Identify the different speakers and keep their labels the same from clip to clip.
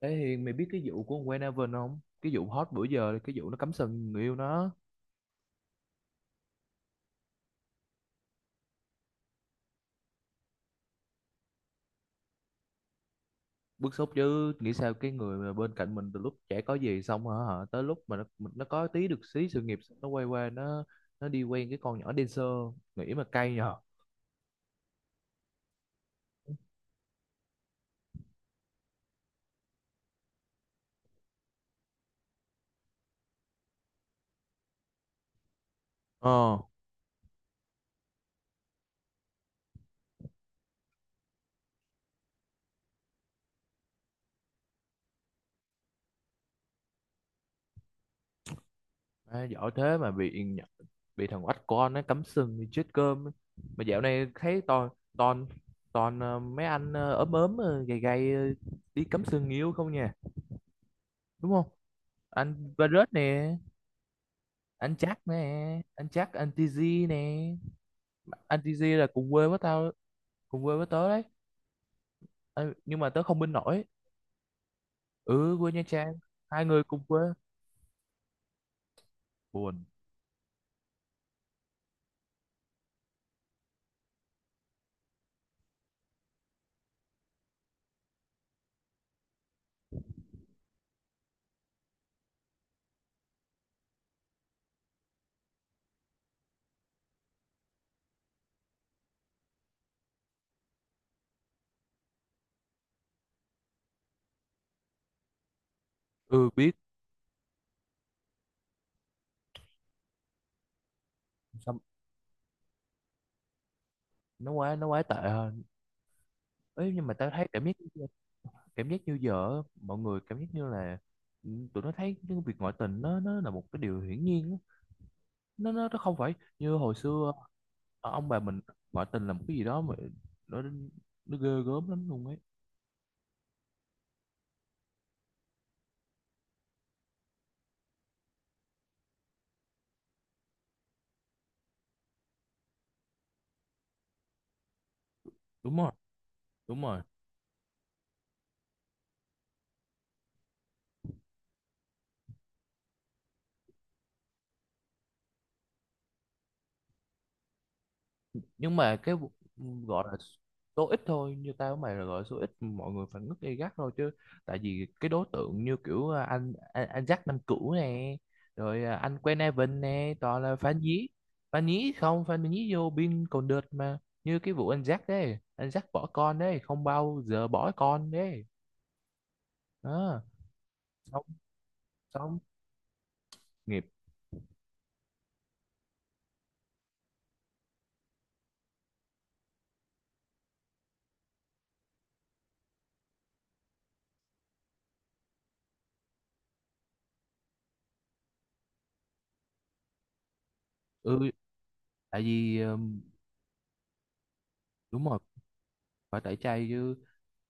Speaker 1: Thế thì mày biết cái vụ của con Quen Evan không? Cái vụ hot bữa giờ, cái vụ nó cắm sừng người yêu nó. Bức xúc chứ, nghĩ sao cái người mà bên cạnh mình từ lúc trẻ có gì xong hả, hả? Tới lúc mà nó có tí được xí sự nghiệp, nó quay qua nó đi quen cái con nhỏ dancer, nghĩ mà cay nhờ. Ờ, à, giỏi thế mà bị thằng oách con nó cắm sừng thì chết cơm. Mà dạo này thấy toàn toàn toàn mấy anh ốm ốm gầy gầy đi cắm sừng người yêu không nha, đúng không? Anh Varus nè, anh Trác nè, anh TG nè, anh TG là cùng quê với tao, cùng quê với tớ đấy. Ờ, nhưng mà tớ không bên nổi. Ừ, quê Nha Trang, hai người cùng quê buồn. Ừ, biết sao. Nó quá tệ hơn ấy. Nhưng mà tao thấy cảm giác, cảm giác như giờ á, mọi người cảm giác như là, ừ, tụi nó thấy cái việc ngoại tình nó là một cái điều hiển nhiên á. Nó không phải như hồi xưa. Ờ, ông bà mình, ngoại tình là một cái gì đó mà nó nó ghê gớm lắm luôn ấy. Đúng rồi, đúng rồi. Nhưng mà cái vụ gọi là số ít thôi, như tao với mày là gọi là số ít mọi người phản ứng gay gắt thôi, chứ tại vì cái đối tượng như kiểu à, anh Jack năm cũ nè, rồi à, anh Quen Evan nè, toàn là phản nhí, phản nhí không, phản nhí vô biên. Còn đợt mà như cái vụ anh Jack đấy, anh Jack bỏ con đấy, không bao giờ bỏ con đấy đó. Xong, xong nghiệp. Ừ, tại vì ờ, đúng rồi, phải tẩy chay chứ.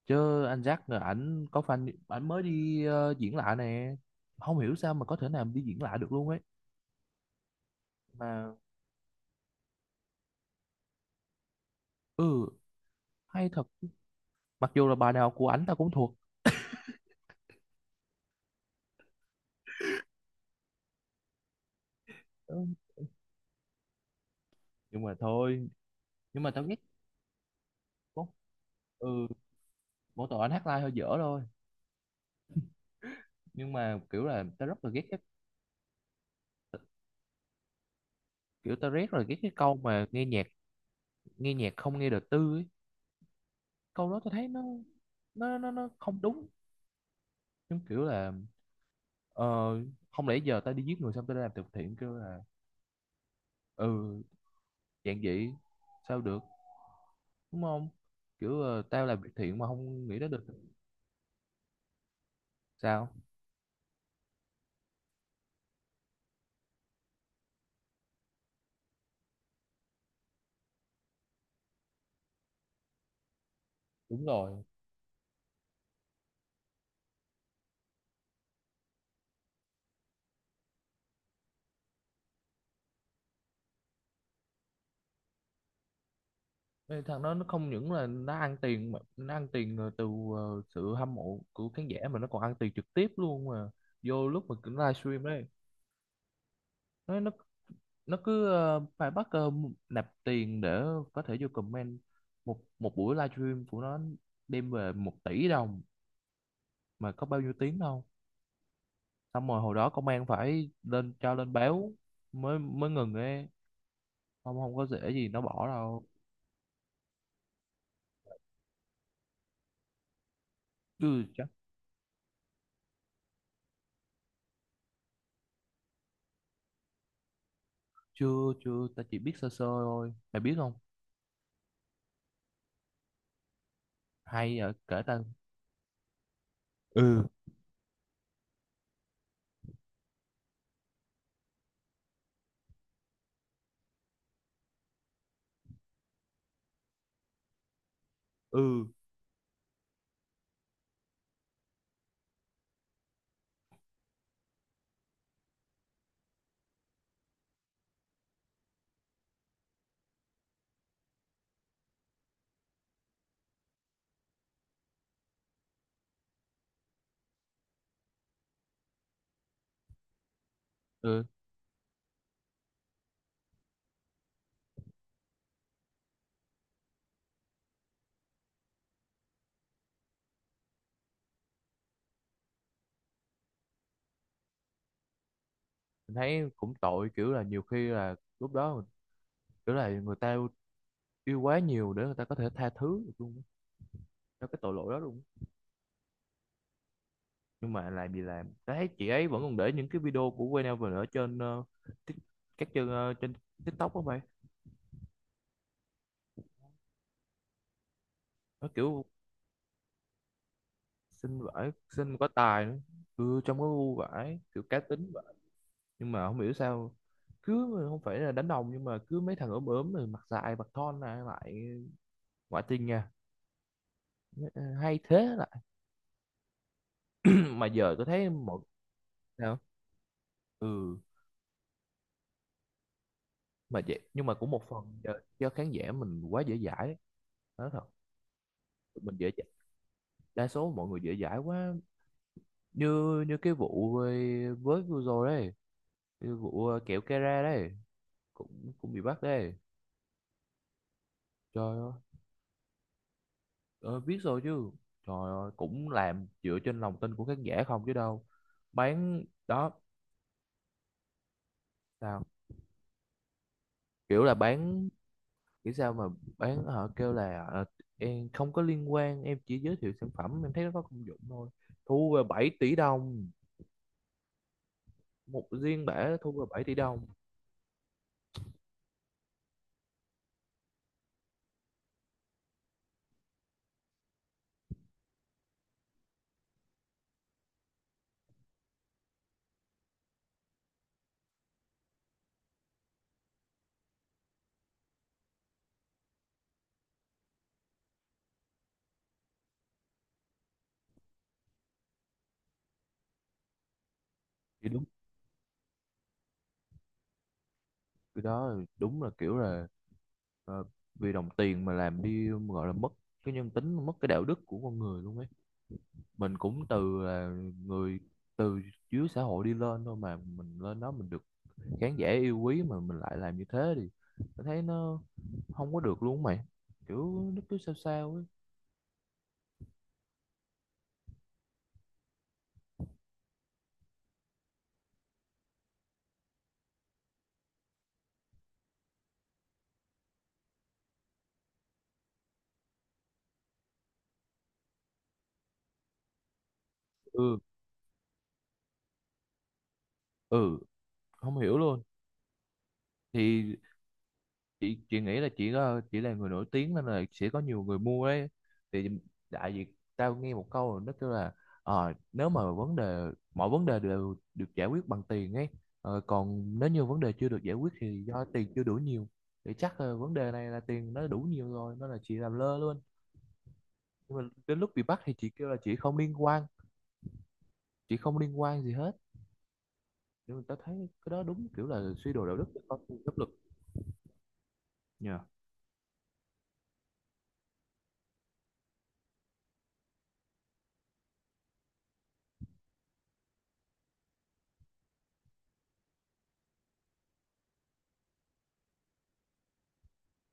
Speaker 1: Chứ anh Jack là ảnh có fan ảnh mới đi diễn lại nè, không hiểu sao mà có thể nào đi diễn lại được luôn ấy mà. Ừ, hay thật. Mặc dù là bài nào của ảnh tao cũng thuộc. Ừ, nhưng mà thôi, nhưng mà tao ghét có- ừ, mỗi tội anh hát live hơi dở thôi. Nhưng mà kiểu là tao rất là ghét cái kiểu, tao rất là ghét cái câu mà nghe nhạc, nghe nhạc không nghe đời tư ấy. Câu đó tao thấy nó không đúng. Giống kiểu là ờ, không lẽ giờ tao đi giết người xong tao đi làm từ thiện kêu là, ừ, dạng vậy sao được, đúng không? Kiểu ờ, tao làm việc thiện mà không nghĩ nó được sao. Đúng rồi. Ê, thằng đó nó không những là nó ăn tiền mà nó ăn tiền từ ờ, sự hâm mộ của khán giả mà nó còn ăn tiền trực tiếp luôn, mà vô lúc mà cứ livestream đấy, nó nó nó cứ ờ, phải bắt ờ, nạp tiền để có thể vô comment. Một một buổi livestream của nó đem về 1 tỷ đồng mà có bao nhiêu tiếng đâu. Xong rồi hồi đó công an phải lên cho lên báo mới, mới ngừng ấy. Không, không có dễ gì nó bỏ đâu chứ chắc. Chưa chưa ta chỉ biết sơ sơ thôi mày biết không, hay à, kể ta. Ừ, ừ, ừ, mình thấy cũng tội, kiểu là nhiều khi là lúc đó mình kiểu là người ta yêu quá nhiều để người ta có thể tha thứ được luôn á, cho cái tội lỗi đó luôn á. Nhưng mà làm gì làm ta thấy chị ấy vẫn còn để những cái video của Waynever ở trên ờ, tik- các trên ờ, trên TikTok đó mày. Nó kiểu xinh vãi, xinh mà có tài nữa. Ừ, trông có ngu vãi kiểu cá tính. Nhưng mà không hiểu sao cứ không phải là đánh đồng, nhưng mà cứ mấy thằng ốm ốm rồi mặt dài mặt thon lại lại ngoại tình nha. Hay thế lại, mà giờ tôi thấy một sao. Ừ, mà vậy, nhưng mà cũng một phần do, do khán giả mình quá dễ dãi, nói thật. Mình dễ dãi, đa số mọi người dễ dãi quá. Như như cái vụ với vừa rồi đấy, cái vụ ờ, kẹo Kera đấy, cũng cũng bị bắt đấy. Trời ơi. Ờ, biết rồi chứ. Trời ơi, cũng làm dựa trên lòng tin của khán giả không chứ đâu, bán đó. Sao, kiểu là bán, kiểu sao mà bán, họ kêu là ờ, em không có liên quan, em chỉ giới thiệu sản phẩm em thấy nó có công dụng thôi, thu về 7 tỷ đồng, một riêng bể thu về 7 tỷ đồng. Thì đúng, cái đó là đúng là kiểu là ờ, vì đồng tiền mà làm đi, gọi là mất cái nhân tính, mất cái đạo đức của con người luôn ấy. Mình cũng từ là người từ dưới xã hội đi lên thôi, mà mình lên đó mình được khán giả yêu quý mà mình lại làm như thế thì mình thấy nó không có được luôn mày. Kiểu nó cứ sao sao ấy. Ừ, ừ, không hiểu luôn. Thì chị nghĩ là chị là người nổi tiếng nên là sẽ có nhiều người mua đấy. Thì đại diện tao nghe một câu rồi nó kêu là ờ, nếu mà vấn đề, mọi vấn đề đều được giải quyết bằng tiền ấy, ờ, còn nếu như vấn đề chưa được giải quyết thì do tiền chưa đủ nhiều. Thì chắc là vấn đề này là tiền nó đủ nhiều rồi nên là chị làm lơ luôn. Nhưng mà đến lúc bị bắt thì chị kêu là chị không liên quan, chị không liên quan gì hết. Nhưng mà tao thấy cái đó đúng kiểu là suy đồi đạo đức của con người pháp luật. Dạ.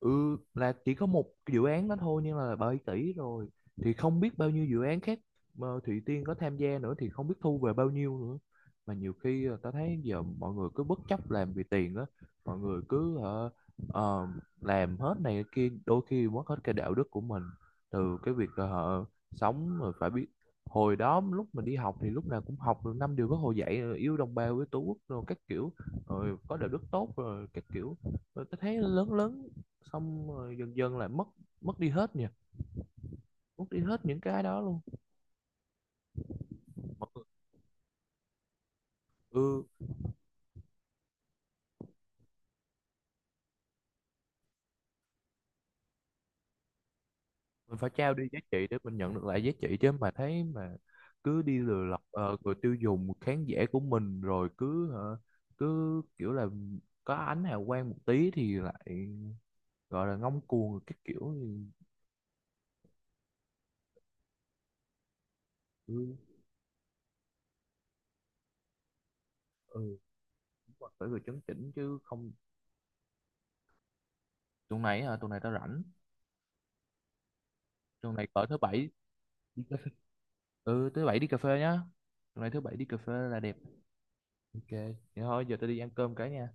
Speaker 1: Ừ, là chỉ có một cái dự án đó thôi nhưng là 7 tỷ rồi, thì không biết bao nhiêu dự án khác mà Thụy Tiên có tham gia nữa thì không biết thu về bao nhiêu nữa. Mà nhiều khi ờ, ta thấy giờ mọi người cứ bất chấp làm vì tiền á, mọi người cứ ờ, ờ, làm hết này cái kia, đôi khi mất hết cái đạo đức của mình. Từ cái việc ờ, họ sống rồi phải biết. Hồi đó lúc mình đi học thì lúc nào cũng học được 5 điều bác Hồ dạy rồi yêu đồng bào, yêu tổ quốc rồi các kiểu, rồi có đạo đức tốt rồi các kiểu. Tôi thấy lớn lớn xong rồi dần dần lại mất, mất đi hết nhỉ, mất đi hết những cái đó luôn. Ừ, mình phải trao đi giá trị để mình nhận được lại giá trị chứ. Mà thấy mà cứ đi lừa lọc ờ, người tiêu dùng, khán giả của mình, rồi cứ hả, cứ kiểu là có ánh hào quang một tí thì lại gọi là ngông cuồng các kiểu thì, ừ, ừ, đúng rồi, phải vừa chấn chỉnh chứ không. Tuần này hả, tuần này tao rảnh. Tuần này cỡ thứ bảy đi cà phê. Ừ, thứ bảy đi cà phê nhá. Tuần này thứ bảy đi cà phê là đẹp. Ok, vậy thôi, giờ tao đi ăn cơm cái nha.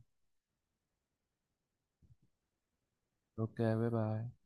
Speaker 1: Ok, bye bye.